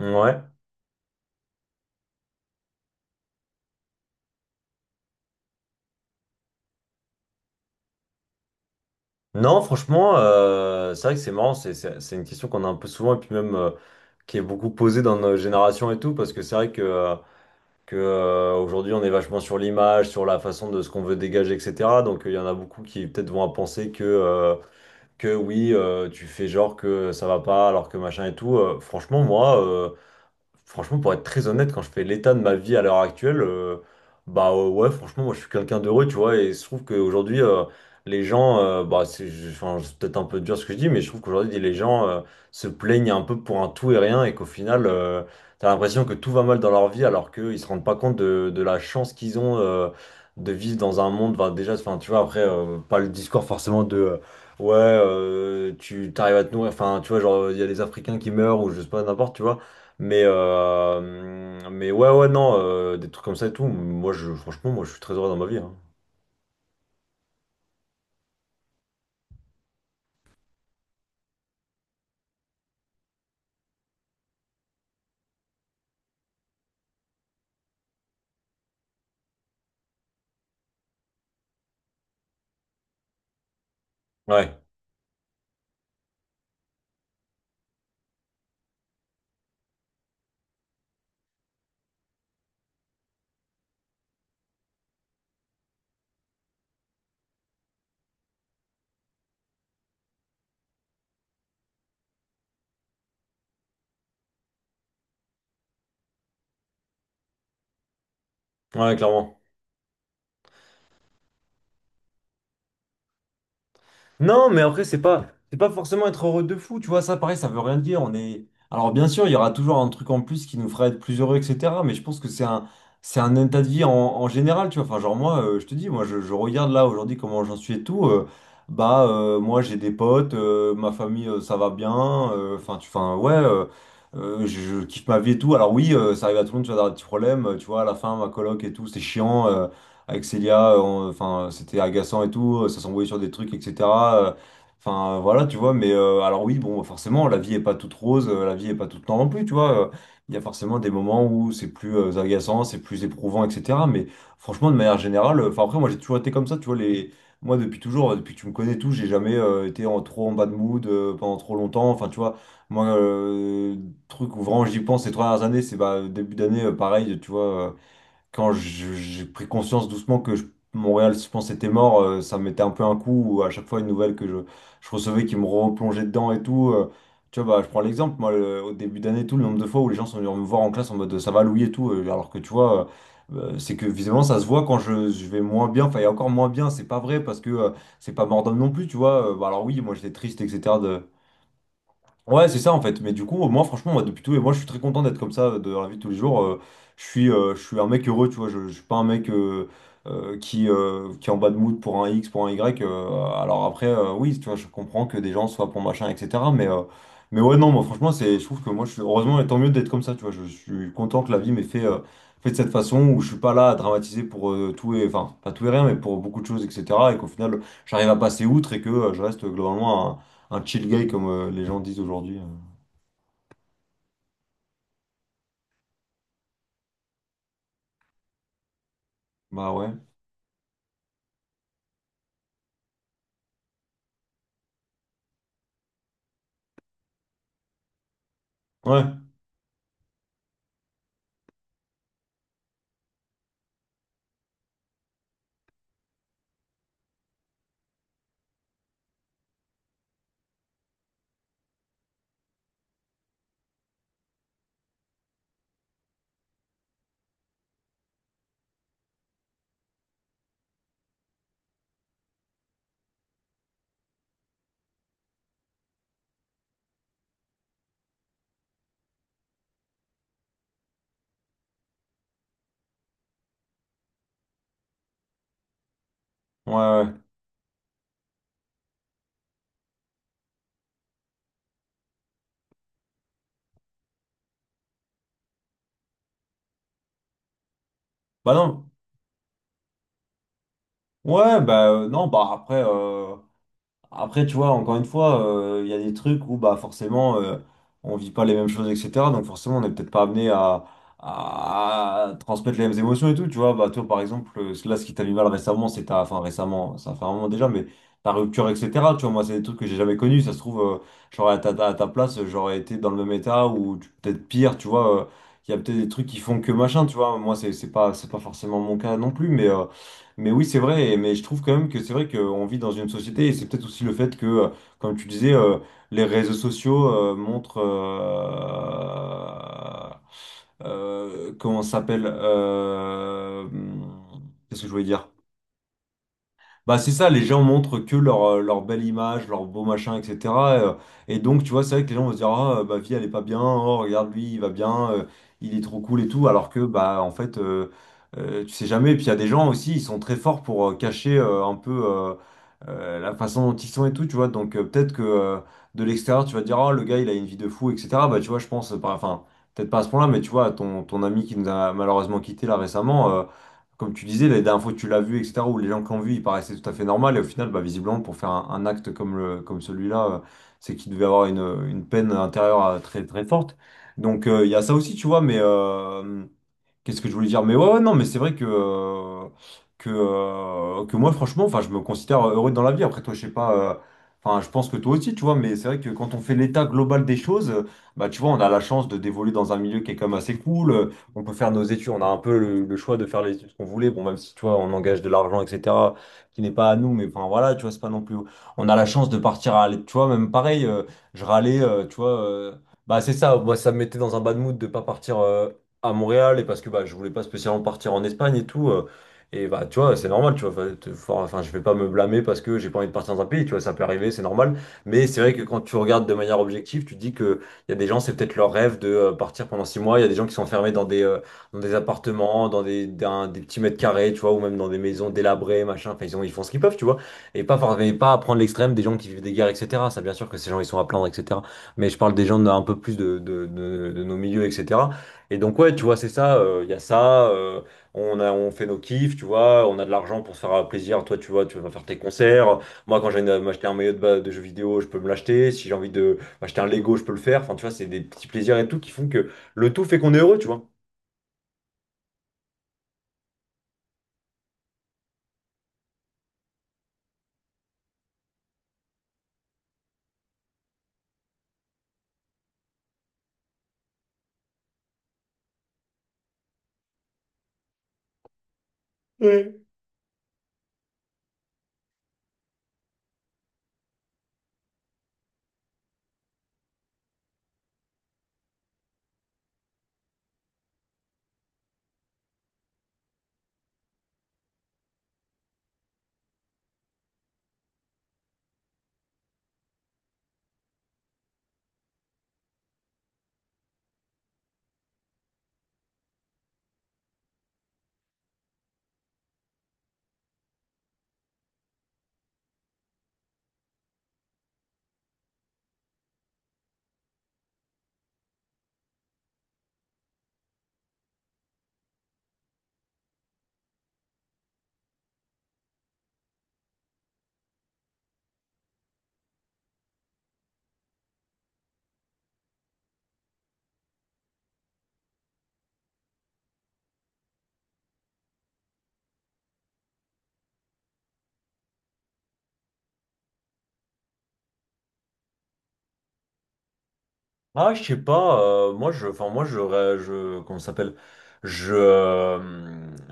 Ouais. Non, franchement, c'est vrai que c'est marrant, c'est une question qu'on a un peu souvent et puis même, qui est beaucoup posée dans nos générations et tout, parce que c'est vrai que aujourd'hui on est vachement sur l'image, sur la façon de ce qu'on veut dégager, etc. Donc il y en a beaucoup qui peut-être vont à penser que, que oui, tu fais genre que ça va pas alors que machin et tout. Franchement, pour être très honnête, quand je fais l'état de ma vie à l'heure actuelle, ouais, franchement, moi je suis quelqu'un d'heureux, tu vois, et je trouve qu'aujourd'hui, les gens, bah enfin, c'est peut-être un peu dur ce que je dis, mais je trouve qu'aujourd'hui, les gens se plaignent un peu pour un tout et rien, et qu'au final, t'as l'impression que tout va mal dans leur vie, alors qu'ils se rendent pas compte de la chance qu'ils ont de vivre dans un monde, enfin, déjà, enfin, tu vois, après, pas le discours forcément de. Ouais, tu t'arrives à te nourrir, enfin, tu vois, genre, il y a des Africains qui meurent ou je sais pas, n'importe, tu vois. Mais ouais, ouais, non, des trucs comme ça et tout. Franchement, moi, je suis très heureux dans ma vie, hein. Ouais, ouais, clairement. Non, mais après, c'est pas forcément être heureux de fou, tu vois. Ça, pareil, ça veut rien dire. On est... Alors, bien sûr, il y aura toujours un truc en plus qui nous fera être plus heureux, etc. Mais je pense que c'est un état de vie en général, tu vois. Enfin, genre, moi, je te dis, moi, je regarde là aujourd'hui comment j'en suis et tout. Moi, j'ai des potes, ma famille, ça va bien. Enfin, enfin, ouais, je kiffe ma vie et tout. Alors, oui, ça arrive à tout le monde, tu vois, d'avoir des petits problèmes, tu vois. À la fin, ma coloc et tout, c'est chiant. Avec Célia, enfin, c'était agaçant et tout, ça s'envoyait sur des trucs, etc. euh, Enfin, voilà, tu vois, mais alors oui, bon, forcément, la vie est pas toute rose, la vie est pas toute noire non plus, tu vois. Il y a forcément des moments où c'est plus agaçant, c'est plus éprouvant, etc. Mais franchement, de manière générale, enfin, après, moi, j'ai toujours été comme ça, tu vois, les... Moi, depuis toujours, depuis que tu me connais et tout, j'ai jamais été en, trop en bad mood pendant trop longtemps. Enfin, tu vois, moi, truc où vraiment j'y pense ces 3 dernières années, c'est bah, début d'année, pareil, tu vois. Quand j'ai pris conscience doucement que Montréal, je pense, était mort, ça me mettait un peu un coup, ou à chaque fois une nouvelle que je recevais qui me replongeait dedans et tout. Tu vois, bah, je prends l'exemple, moi, au début d'année, tout le nombre de fois où les gens sont venus me voir en classe en mode ça va Louis et tout, alors que tu vois, c'est que visiblement ça se voit quand je vais moins bien, enfin, il y a encore moins bien, c'est pas vrai parce que c'est pas mort d'homme non plus, tu vois. Bah, alors oui, moi j'étais triste, etc. Ouais, c'est ça en fait. Mais du coup, moi, franchement, moi, depuis tout, et moi, je suis très content d'être comme ça de la vie de tous les jours. Je suis, je suis un mec heureux, tu vois. Je suis pas un mec qui est en bas de mood pour un X, pour un Y. Alors après, oui, tu vois, je comprends que des gens soient pour machin, etc. Mais mais ouais, non, moi, franchement, je trouve que moi, je suis, heureusement, et tant mieux d'être comme ça, tu vois. Je suis content que la vie m'ait fait de cette façon où je suis pas là à dramatiser pour tout et, enfin, pas tout et rien, mais pour beaucoup de choses, etc. Et qu'au final, j'arrive à passer outre et que je reste globalement un chill guy comme les gens disent aujourd'hui. Bah ouais. Ouais, ouais, ouais. Bah non. Ouais, bah non, bah après. Après, tu vois, encore une fois, il y a des trucs où bah forcément on vit pas les mêmes choses, etc. Donc forcément, on n'est peut-être pas amené à transmettre les mêmes émotions et tout, tu vois. Bah toi, par exemple, là, ce qui t'a mis mal récemment, c'est enfin récemment, ça fait un moment déjà, mais ta rupture, etc. Tu vois, moi, c'est des trucs que j'ai jamais connus. Ça se trouve, j'aurais à à ta place, j'aurais été dans le même état ou peut-être pire, tu vois. Il y a peut-être des trucs qui font que machin, tu vois. Moi, c'est pas forcément mon cas non plus, mais. Mais oui, c'est vrai, mais je trouve quand même que c'est vrai qu'on vit dans une société, et c'est peut-être aussi le fait que, comme tu disais, les réseaux sociaux montrent, comment ça s'appelle, qu'est-ce que je voulais dire? Bah c'est ça, les gens montrent que leur, leur belle image, leur beau machin, etc. euh, Et, donc tu vois, c'est vrai que les gens vont se dire, ah ma vie elle est pas bien, oh regarde lui, il va bien, il est trop cool et tout, alors que bah en fait, tu sais jamais. Et puis il y a des gens aussi, ils sont très forts pour cacher un peu la façon dont ils sont et tout, tu vois. Donc peut-être que de l'extérieur tu vas te dire, ah le gars il a une vie de fou, etc. Bah tu vois, je pense, enfin peut-être pas à ce point-là, mais tu vois, ton ami qui nous a malheureusement quitté là récemment. Comme tu disais, la dernière fois que tu l'as vu, etc., où les gens qui l'ont vu, il paraissait tout à fait normal. Et au final, bah, visiblement, pour faire un acte comme comme celui-là, c'est qu'il devait avoir une peine intérieure très, très forte. Donc, il y a ça aussi, tu vois, mais qu'est-ce que je voulais dire? Mais ouais, ouais, non, mais c'est vrai que, que moi, franchement, enfin, je me considère heureux dans la vie. Après, toi, je sais pas, enfin, je pense que toi aussi, tu vois, mais c'est vrai que quand on fait l'état global des choses, bah, tu vois, on a la chance de d'évoluer dans un milieu qui est quand même assez cool. On peut faire nos études, on a un peu le choix de faire les études qu'on voulait. Bon, même si, tu vois, on engage de l'argent, etc., qui n'est pas à nous, mais enfin, voilà, tu vois, c'est pas non plus. On a la chance de partir tu vois, même pareil, je râlais, tu vois. Bah c'est ça, moi ça me mettait dans un bad mood de pas partir à Montréal et parce que bah, je voulais pas spécialement partir en Espagne et tout. Et bah, tu vois, c'est normal, tu vois. Enfin, je vais pas me blâmer parce que j'ai pas envie de partir dans un pays, tu vois, ça peut arriver, c'est normal. Mais c'est vrai que quand tu regardes de manière objective, tu te dis que il y a des gens, c'est peut-être leur rêve de partir pendant 6 mois. Il y a des gens qui sont enfermés dans des, dans des appartements, dans des petits mètres carrés, tu vois, ou même dans des maisons délabrées, machin. Enfin, ils font ce qu'ils peuvent, tu vois. Et pas, mais pas à prendre l'extrême des gens qui vivent des guerres, etc. Ça, bien sûr que ces gens, ils sont à plaindre, etc. Mais je parle des gens d'un peu plus de nos milieux, etc. Et donc, ouais, tu vois, c'est ça. Il y a ça. On fait nos kiffs, tu vois. On a de l'argent pour se faire plaisir. Toi, tu vois, tu vas faire tes concerts. Moi, quand j'ai envie de m'acheter un maillot de, de jeu vidéo, je peux me l'acheter. Si j'ai envie de m'acheter un Lego, je peux le faire. Enfin, tu vois, c'est des petits plaisirs et tout qui font que le tout fait qu'on est heureux, tu vois. Ah, je sais pas, moi je enfin moi je comment ça s'appelle? Je euh,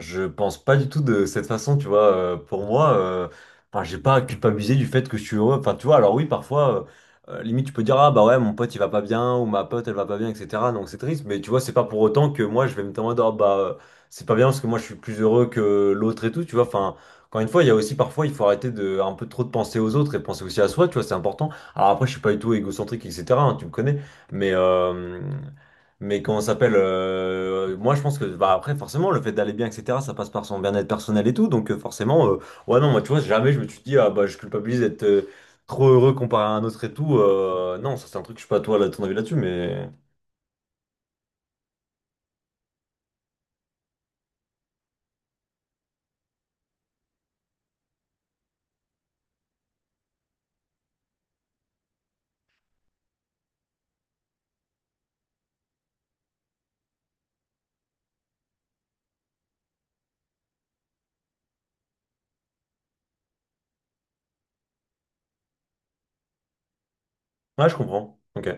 je pense pas du tout de cette façon, tu vois, pour moi enfin j'ai pas à culpabiliser du fait que je suis heureux. Enfin, tu vois, alors oui, parfois limite tu peux dire ah bah ouais, mon pote il va pas bien ou ma pote elle va pas bien etc. Donc c'est triste, mais tu vois, c'est pas pour autant que moi je vais me dire ah bah c'est pas bien parce que moi je suis plus heureux que l'autre et tout, tu vois. Enfin, encore une fois, il y a aussi parfois il faut arrêter de un peu trop de penser aux autres et penser aussi à soi, tu vois, c'est important. Alors après, je suis pas du tout égocentrique etc., hein, tu me connais. Mais mais comment ça s'appelle moi, je pense que, bah, après, forcément, le fait d'aller bien, etc., ça passe par son bien-être personnel et tout. Donc, forcément, ouais, non, moi, tu vois, jamais je me suis dit, ah, bah, je culpabilise d'être trop heureux comparé à un autre et tout. Non, ça, c'est un truc, je sais pas, toi, là, ton avis là-dessus, mais ouais, je comprends. Ok.